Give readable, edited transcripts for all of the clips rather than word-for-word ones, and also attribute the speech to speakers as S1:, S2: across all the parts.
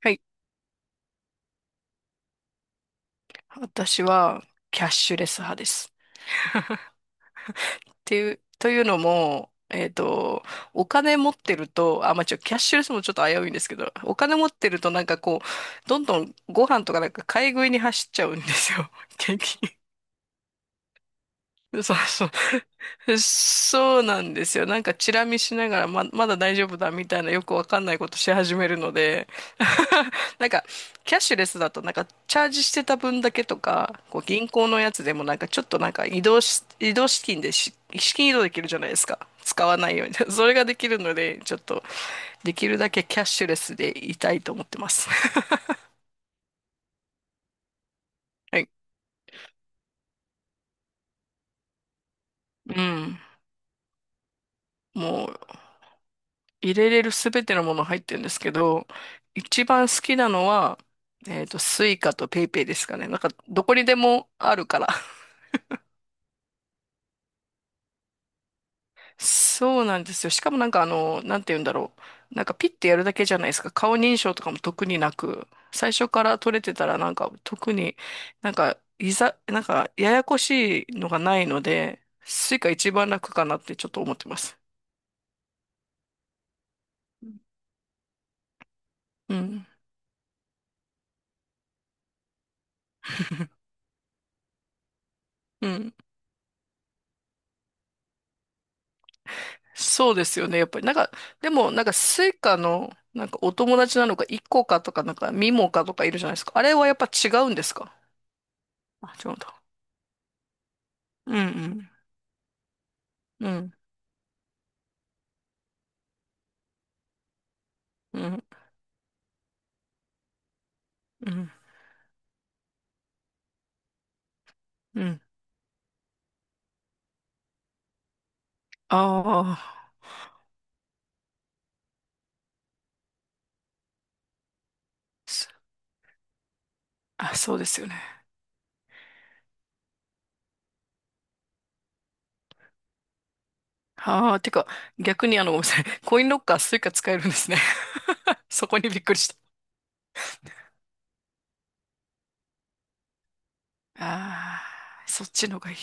S1: はい。私はキャッシュレス派です。っていう、というのも、お金持ってると、キャッシュレスもちょっと危ういんですけど、お金持ってるとなんかこう、どんどんご飯とかなんか買い食いに走っちゃうんですよ。現 そうそう。そうなんですよ。なんかチラ見しながらまだ大丈夫だみたいなよくわかんないことし始めるので、なんかキャッシュレスだとなんかチャージしてた分だけとか、こう銀行のやつでもなんかちょっとなんか移動資金でし、資金移動できるじゃないですか。使わないように。それができるので、ちょっとできるだけキャッシュレスでいたいと思ってます。はい。うん。もう入れれるすべてのもの入ってるんですけど、一番好きなのは、スイカとペイペイですかね。なんか、どこにでもあるから。そうなんですよ。しかもなんかあの、なんて言うんだろう。なんかピッてやるだけじゃないですか。顔認証とかも特になく、最初から取れてたらなんか特になんか、いざ、なんかややこしいのがないので、スイカ一番楽かなってちょっと思ってます。うん。うん。そうですよね。やっぱり、なんか、でも、なんか、スイカの、なんか、お友達なのか、イコカとか、なんか、ミモカとかいるじゃないですか。あれはやっぱ違うんですか。あ、違うんだ。うんうん。うんうんうん。うん。ああ、すあ、そうですよね。ああ、てか、逆にあの、ごめんなさい。コインロッカー、スイカ使えるんですね。そこにびっくりした。ああ、そっちのがいい。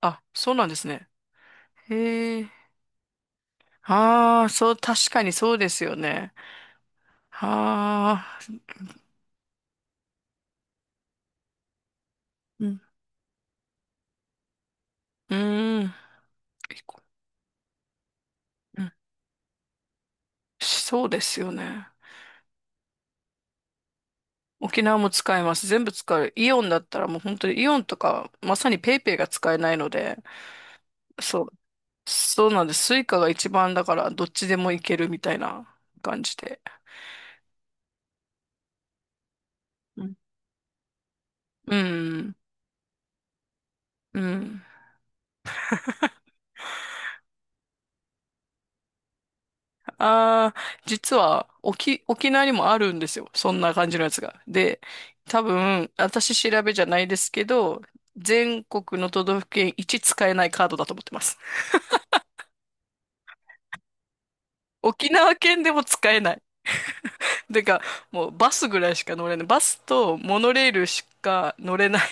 S1: あ、そうなんですね。へえ。ああ、そう、確かにそうですよね。ああ。うん。うーん。いい子。うん。しそうですよね。沖縄も使えます。全部使う。イオンだったらもう本当にイオンとか、まさにペイペイが使えないので、そう。そうなんです。スイカが一番だから、どっちでもいけるみたいな感じで。うん。うん。うん。ああ、実は、沖縄にもあるんですよ。そんな感じのやつが。で、多分、私調べじゃないですけど、全国の都道府県一使えないカードだと思ってます。沖縄県でも使えない。てか、もうバスぐらいしか乗れない。バスとモノレールしか乗れない。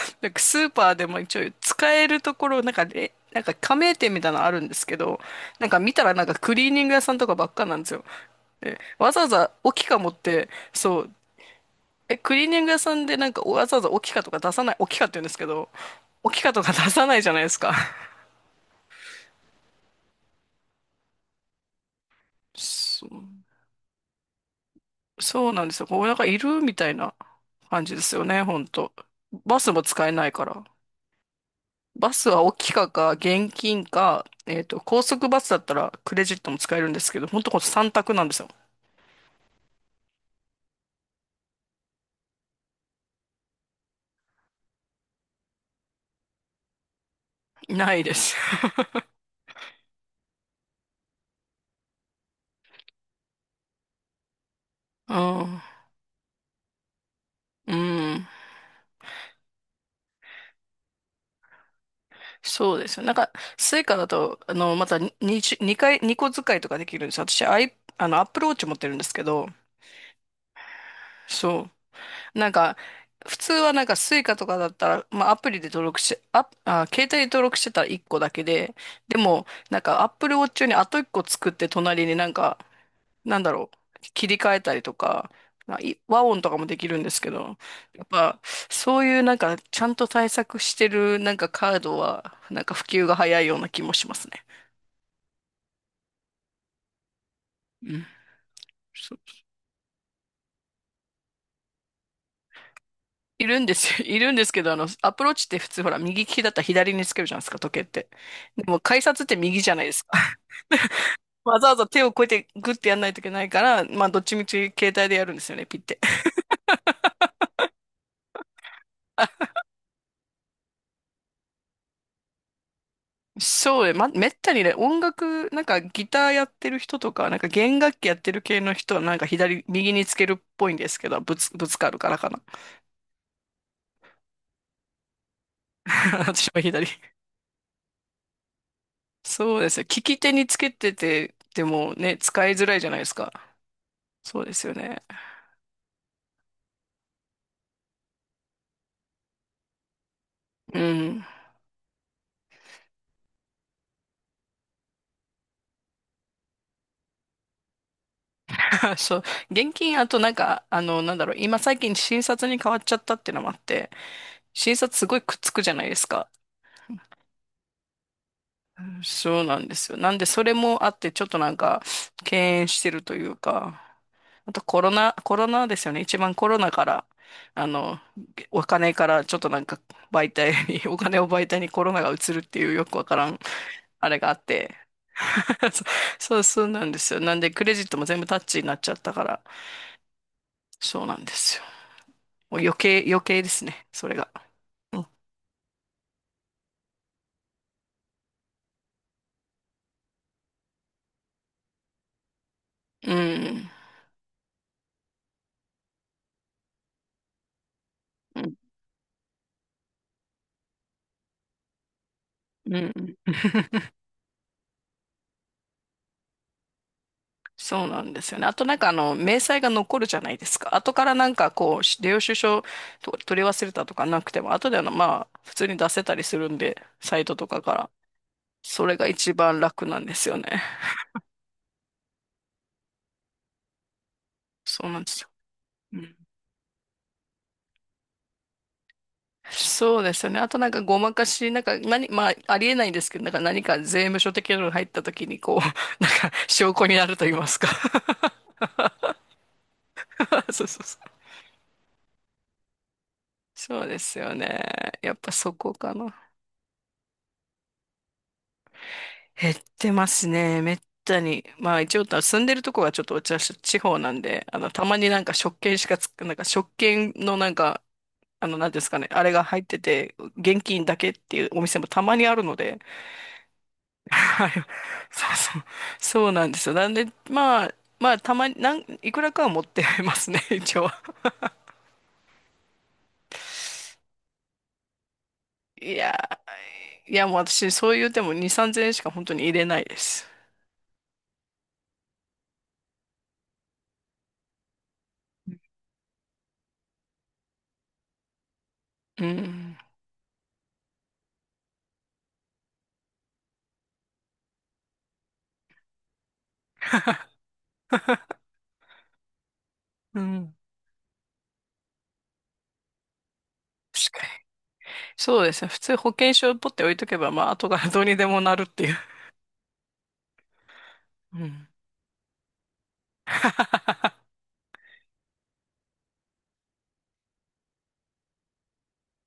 S1: なんかスーパーでも一応使えるところ、なんかれ、なんか加盟店みたいなのあるんですけど、なんか見たらなんかクリーニング屋さんとかばっかなんですよ。でわざわざオキカ持って、そう、え、クリーニング屋さんでなんかわざわざオキカとか出さない、オキカって言うんですけど、オキカとか出さないじゃないですか。そう。そうなんですよ。こう、なんかいるみたいな感じですよね、ほんと。バスも使えないから。バスは大きかか、現金か、高速バスだったらクレジットも使えるんですけど、ほんとこの3択なんですよ。ないです。うん。うん。そうですよ。なんか、スイカだと、あの、また2、にに回、2個使いとかできるんですよ。私、アイ、あの、アップルウォッチ持ってるんですけど、そう。なんか、普通はなんかスイカとかだったら、まあアプリで登録し、アプあ、携帯で登録してたら1個だけで、でも、なんか Apple Watch にあと1個作って隣になんか、なんだろう、切り替えたりとか、まあい和音とかもできるんですけど、やっぱ、そういうなんか、ちゃんと対策してるなんかカードは、なんか普及が早いような気もしますね。うん。そう。いるんですよ。いるんですけど、あの、アプローチって普通ほら、右利きだったら左につけるじゃないですか、時計って。でも、改札って右じゃないですか。わざわざ手をこうやってグッてやんないといけないから、まあどっちみち携帯でやるんですよね、ピッて。そうね、ま、めったにね、音楽、なんかギターやってる人とか、なんか弦楽器やってる系の人はなんか左、右につけるっぽいんですけど、ぶつかるからかな。私は左。そうですよ。利き手につけてて、でもね、使いづらいじゃないですか。そうですよね。うん。そう。現金、あとなんか、あの、なんだろう、今最近新札に変わっちゃったっていうのもあって、新札すごいくっつくじゃないですか。そうなんですよ。なんで、それもあって、ちょっとなんか、敬遠してるというか、あとコロナ、コロナですよね。一番コロナから、あの、お金から、ちょっとなんか、媒体に、お金を媒体にコロナが移るっていうよくわからん、あれがあって。そそう、そうなんですよ。なんで、クレジットも全部タッチになっちゃったから、そうなんですよ。もう余計ですね、それが。うん。うん。うん。うん。そうなんですよね。あとなんかあの、明細が残るじゃないですか。後からなんかこう、領収書と取り忘れたとかなくても、後であの、まあ、普通に出せたりするんで、サイトとかから。それが一番楽なんですよね。そうなんですよ。うん。そうですよね。あとなんかごまかし、なんか何、まあ、ありえないんですけど、なんか何か税務署的なのが入った時にこう、なんか証拠になると言いますか。そうそうそう。そうですよね。やっぱそこかな。減ってますね。めったに。まあ一応住んでるとこはちょっと私地方なんで、あの、たまになんか食券しかつ、なんか食券のなんか、あの、なんていうんですかね、あれが入ってて、現金だけっていうお店もたまにあるので、はい。そうそう、そうなんですよ。なんで、まあ、まあ、たまに、いくらかは持ってますね、一応。いやー、いやもう私、そう言うても2、3000円しか本当に入れないです。うん。うん。確かに。そうですね。普通保険証をポッて置いとけば、まあ、後からどうにでもなるっていう。うん。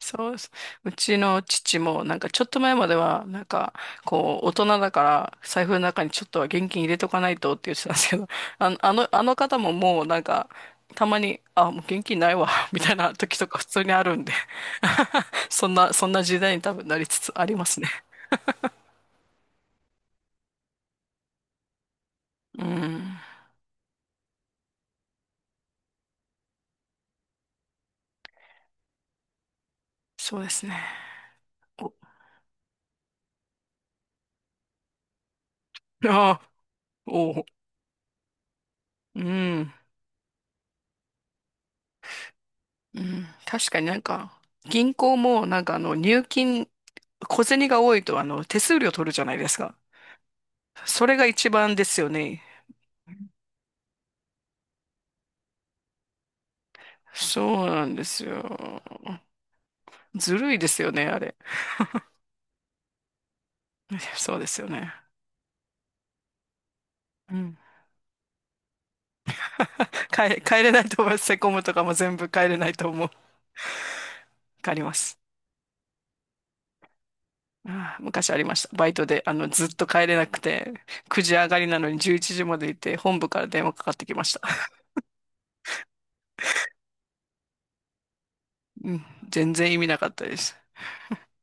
S1: そうです。うちの父も、なんかちょっと前までは、なんか、こう、大人だから、財布の中にちょっとは現金入れとかないとって言ってたんですけど、あの、あの、あの方ももうなんか、たまに、あ、もう現金ないわ、みたいな時とか普通にあるんで、そんな、そんな時代に多分なりつつありますね。うん。そうですね。お、あ、お、うん。うん、確かになんか、銀行もなんかあの入金、小銭が多いとあの手数料取るじゃないですか。それが一番ですよね。そうなんですよ。ずるいですよね、あれ。そうですよね。うん。帰れないと思います。セコムとかも全部帰れないと思う。帰ります。ああ、昔ありました。バイトで、あの、ずっと帰れなくて、9時上がりなのに11時までいて、本部から電話かかってきました。うん、全然意味なかったです。